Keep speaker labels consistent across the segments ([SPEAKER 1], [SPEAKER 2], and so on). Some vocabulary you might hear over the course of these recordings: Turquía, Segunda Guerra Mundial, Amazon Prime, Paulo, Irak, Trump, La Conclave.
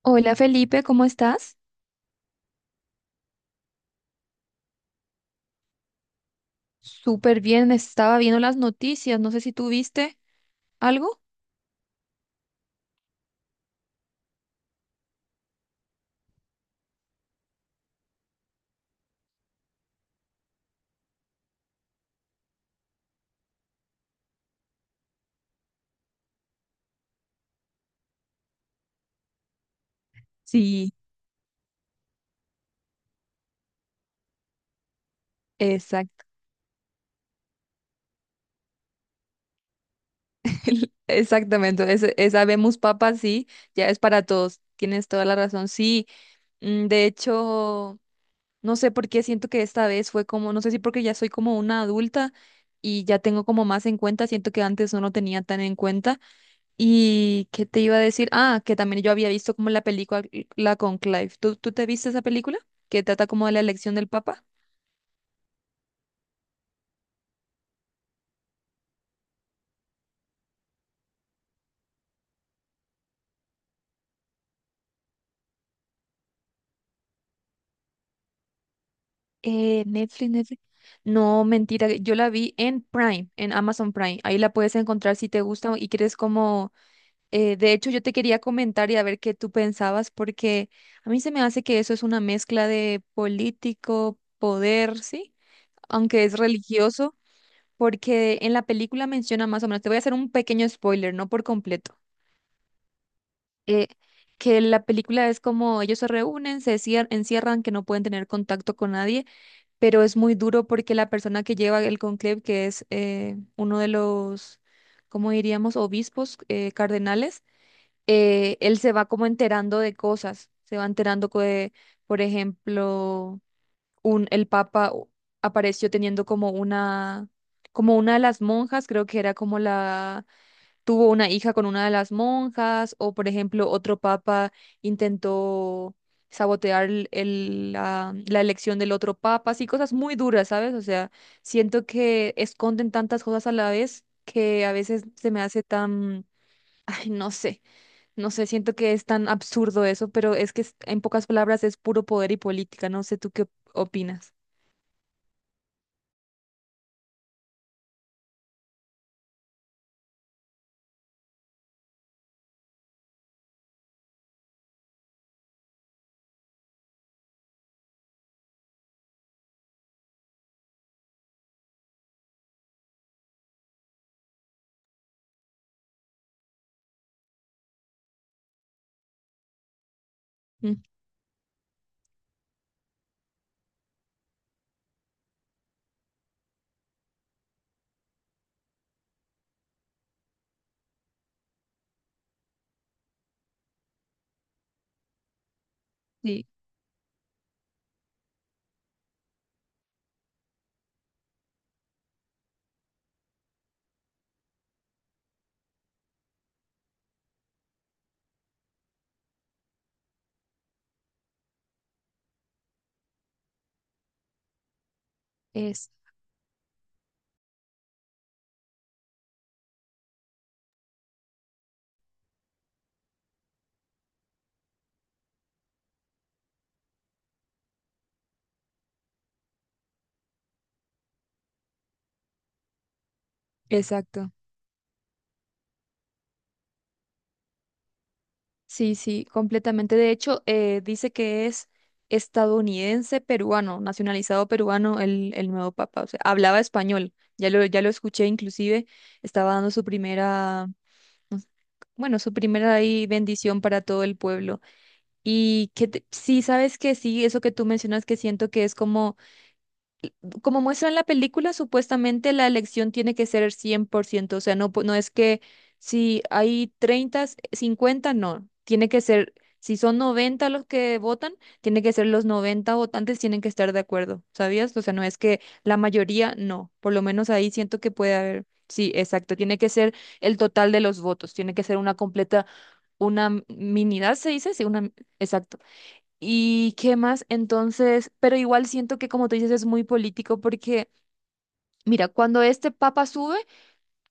[SPEAKER 1] Hola Felipe, ¿cómo estás? Súper bien, estaba viendo las noticias, no sé si tú viste algo. Sí, exacto, exactamente, esa vemos papa, sí, ya es para todos, tienes toda la razón, sí. De hecho, no sé por qué siento que esta vez fue como, no sé si porque ya soy como una adulta y ya tengo como más en cuenta, siento que antes no lo tenía tan en cuenta. ¿Y qué te iba a decir? Ah, que también yo había visto como la película La Conclave. ¿Tú te viste esa película? Que trata como de la elección del Papa. Netflix, Netflix. No, mentira, yo la vi en Prime, en Amazon Prime. Ahí la puedes encontrar si te gusta y quieres como... De hecho, yo te quería comentar y a ver qué tú pensabas, porque a mí se me hace que eso es una mezcla de político, poder, ¿sí? Aunque es religioso, porque en la película menciona más o menos, te voy a hacer un pequeño spoiler, no por completo. eh, que la película es como ellos se reúnen, encierran, que no pueden tener contacto con nadie, pero es muy duro porque la persona que lleva el conclave, que es uno de los, ¿cómo diríamos?, obispos, cardenales, él se va como enterando de cosas, se va enterando que, por ejemplo, el Papa apareció teniendo como una de las monjas, creo que era como la tuvo una hija con una de las monjas, o por ejemplo, otro papa intentó sabotear la elección del otro papa, así cosas muy duras, ¿sabes? O sea, siento que esconden tantas cosas a la vez que a veces se me hace tan, ay, no sé, no sé, siento que es tan absurdo eso, pero es que en pocas palabras es puro poder y política, no sé tú qué opinas. Mm. Sí, es. Exacto. Sí, sí, completamente. De hecho, dice que es estadounidense peruano, nacionalizado peruano el nuevo papa. O sea, hablaba español. Ya lo escuché, inclusive estaba dando su primera, pues, bueno, su primera ahí bendición para todo el pueblo. Y que te- sí, sabes que sí, eso que tú mencionas, que siento que es como muestra en la película, supuestamente la elección tiene que ser 100%, o sea, no, no es que si hay 30, 50 no, tiene que ser, si son 90 los que votan, tiene que ser, los 90 votantes tienen que estar de acuerdo, ¿sabías? O sea, no es que la mayoría, no, por lo menos ahí siento que puede haber, sí, exacto, tiene que ser el total de los votos, tiene que ser una completa, una minidad, se dice, sí, una, exacto. ¿Y qué más? Entonces, pero igual siento que como tú dices es muy político, porque mira, cuando este papa sube,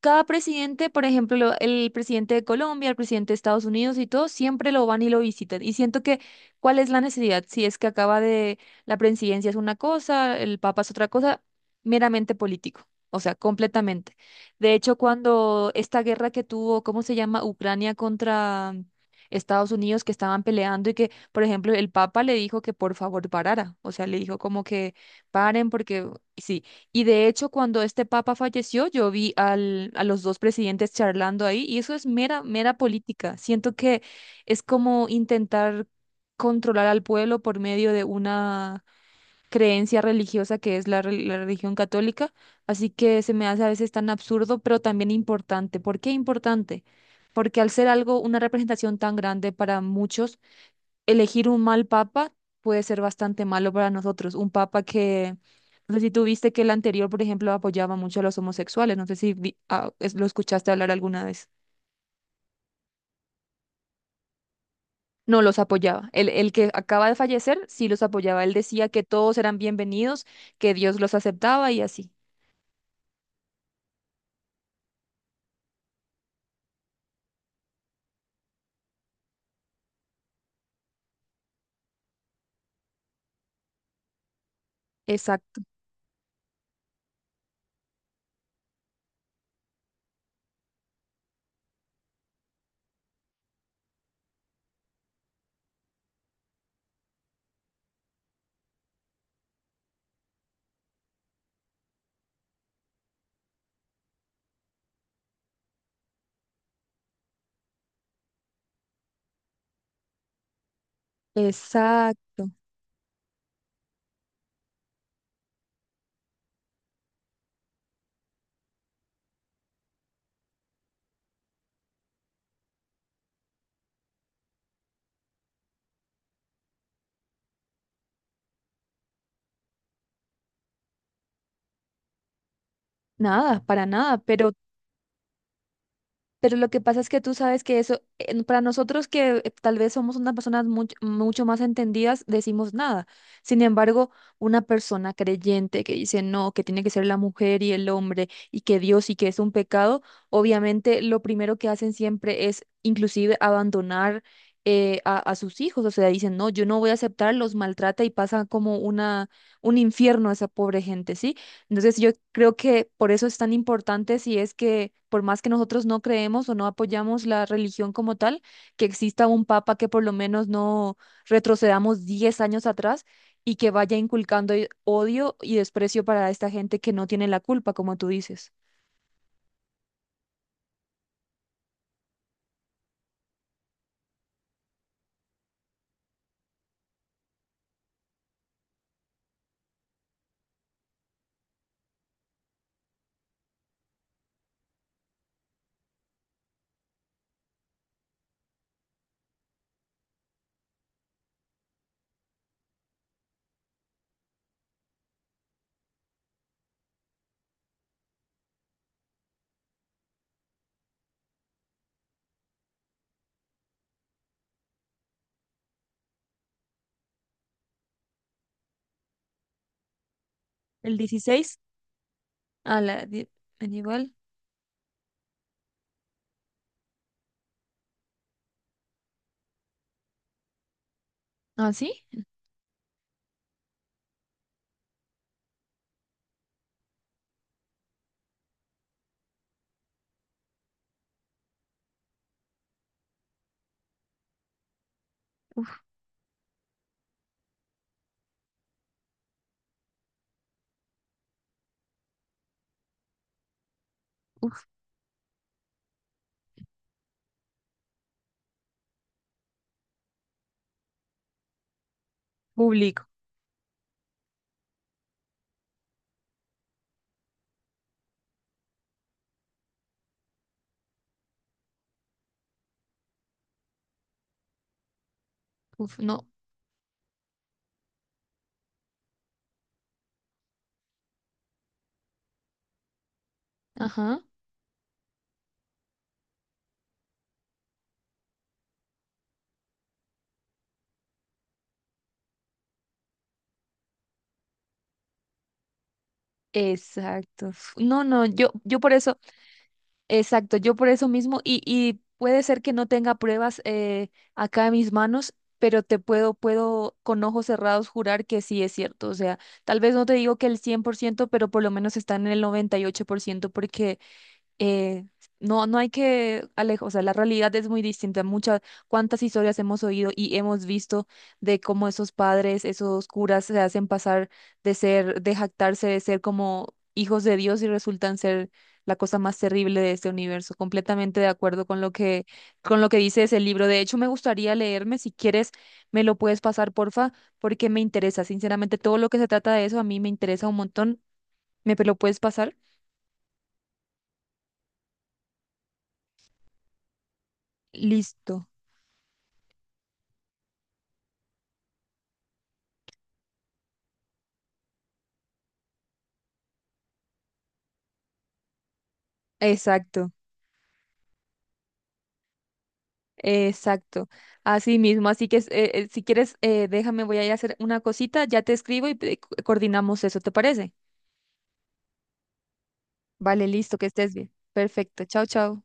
[SPEAKER 1] cada presidente, por ejemplo, el presidente de Colombia, el presidente de Estados Unidos y todo, siempre lo van y lo visitan. Y siento que, ¿cuál es la necesidad? Si es que acaba de, la presidencia es una cosa, el papa es otra cosa, meramente político, o sea, completamente. De hecho, cuando esta guerra que tuvo, ¿cómo se llama? Ucrania contra Estados Unidos, que estaban peleando y que, por ejemplo, el papa le dijo que por favor parara, o sea, le dijo como que paren porque... Sí, y de hecho, cuando este papa falleció, yo vi al, a los dos presidentes charlando ahí y eso es mera, mera política. Siento que es como intentar controlar al pueblo por medio de una creencia religiosa que es la religión católica. Así que se me hace a veces tan absurdo, pero también importante. ¿Por qué importante? Porque al ser algo, una representación tan grande para muchos, elegir un mal papa puede ser bastante malo para nosotros. Un papa que, no sé si tú viste que el anterior, por ejemplo, apoyaba mucho a los homosexuales, no sé si ah, lo escuchaste hablar alguna vez. No los apoyaba. El que acaba de fallecer sí los apoyaba. Él decía que todos eran bienvenidos, que Dios los aceptaba y así. Exacto, exacto. Nada, para nada, pero... Pero lo que pasa es que tú sabes que eso, para nosotros que tal vez somos unas personas mucho, mucho más entendidas, decimos nada. Sin embargo, una persona creyente que dice no, que tiene que ser la mujer y el hombre y que Dios y que es un pecado, obviamente lo primero que hacen siempre es inclusive abandonar a sus hijos. O sea, dicen no, yo no voy a aceptar, los maltrata y pasa como una, un infierno a esa pobre gente, ¿sí? Entonces yo creo que por eso es tan importante, si es que por más que nosotros no creemos o no apoyamos la religión como tal, que exista un papa que por lo menos no retrocedamos 10 años atrás y que vaya inculcando odio y desprecio para esta gente que no tiene la culpa, como tú dices. El 16 a la medieval. ¿Ah, sí? Uf, público. Uf, no. Ajá. Exacto. Uf, no, no, yo por eso... Exacto, yo por eso mismo, y puede ser que no tenga pruebas acá en mis manos, pero te puedo con ojos cerrados jurar que sí es cierto. O sea, tal vez no te digo que el 100%, pero por lo menos está en el 98% porque eh, no, no hay que alejar, o sea, la realidad es muy distinta. Muchas, cuántas historias hemos oído y hemos visto de cómo esos padres, esos curas se hacen pasar de ser, de jactarse, de ser como hijos de Dios y resultan ser la cosa más terrible de este universo. Completamente de acuerdo con lo que dice ese libro. De hecho, me gustaría leerme, si quieres, me lo puedes pasar, porfa, porque me interesa. Sinceramente, todo lo que se trata de eso a mí me interesa un montón. ¿Me lo puedes pasar? Listo. Exacto. Exacto, así mismo. Así que si quieres, déjame, voy a ir a hacer una cosita, ya te escribo y coordinamos eso, ¿te parece? Vale, listo, que estés bien. Perfecto, chao, chao.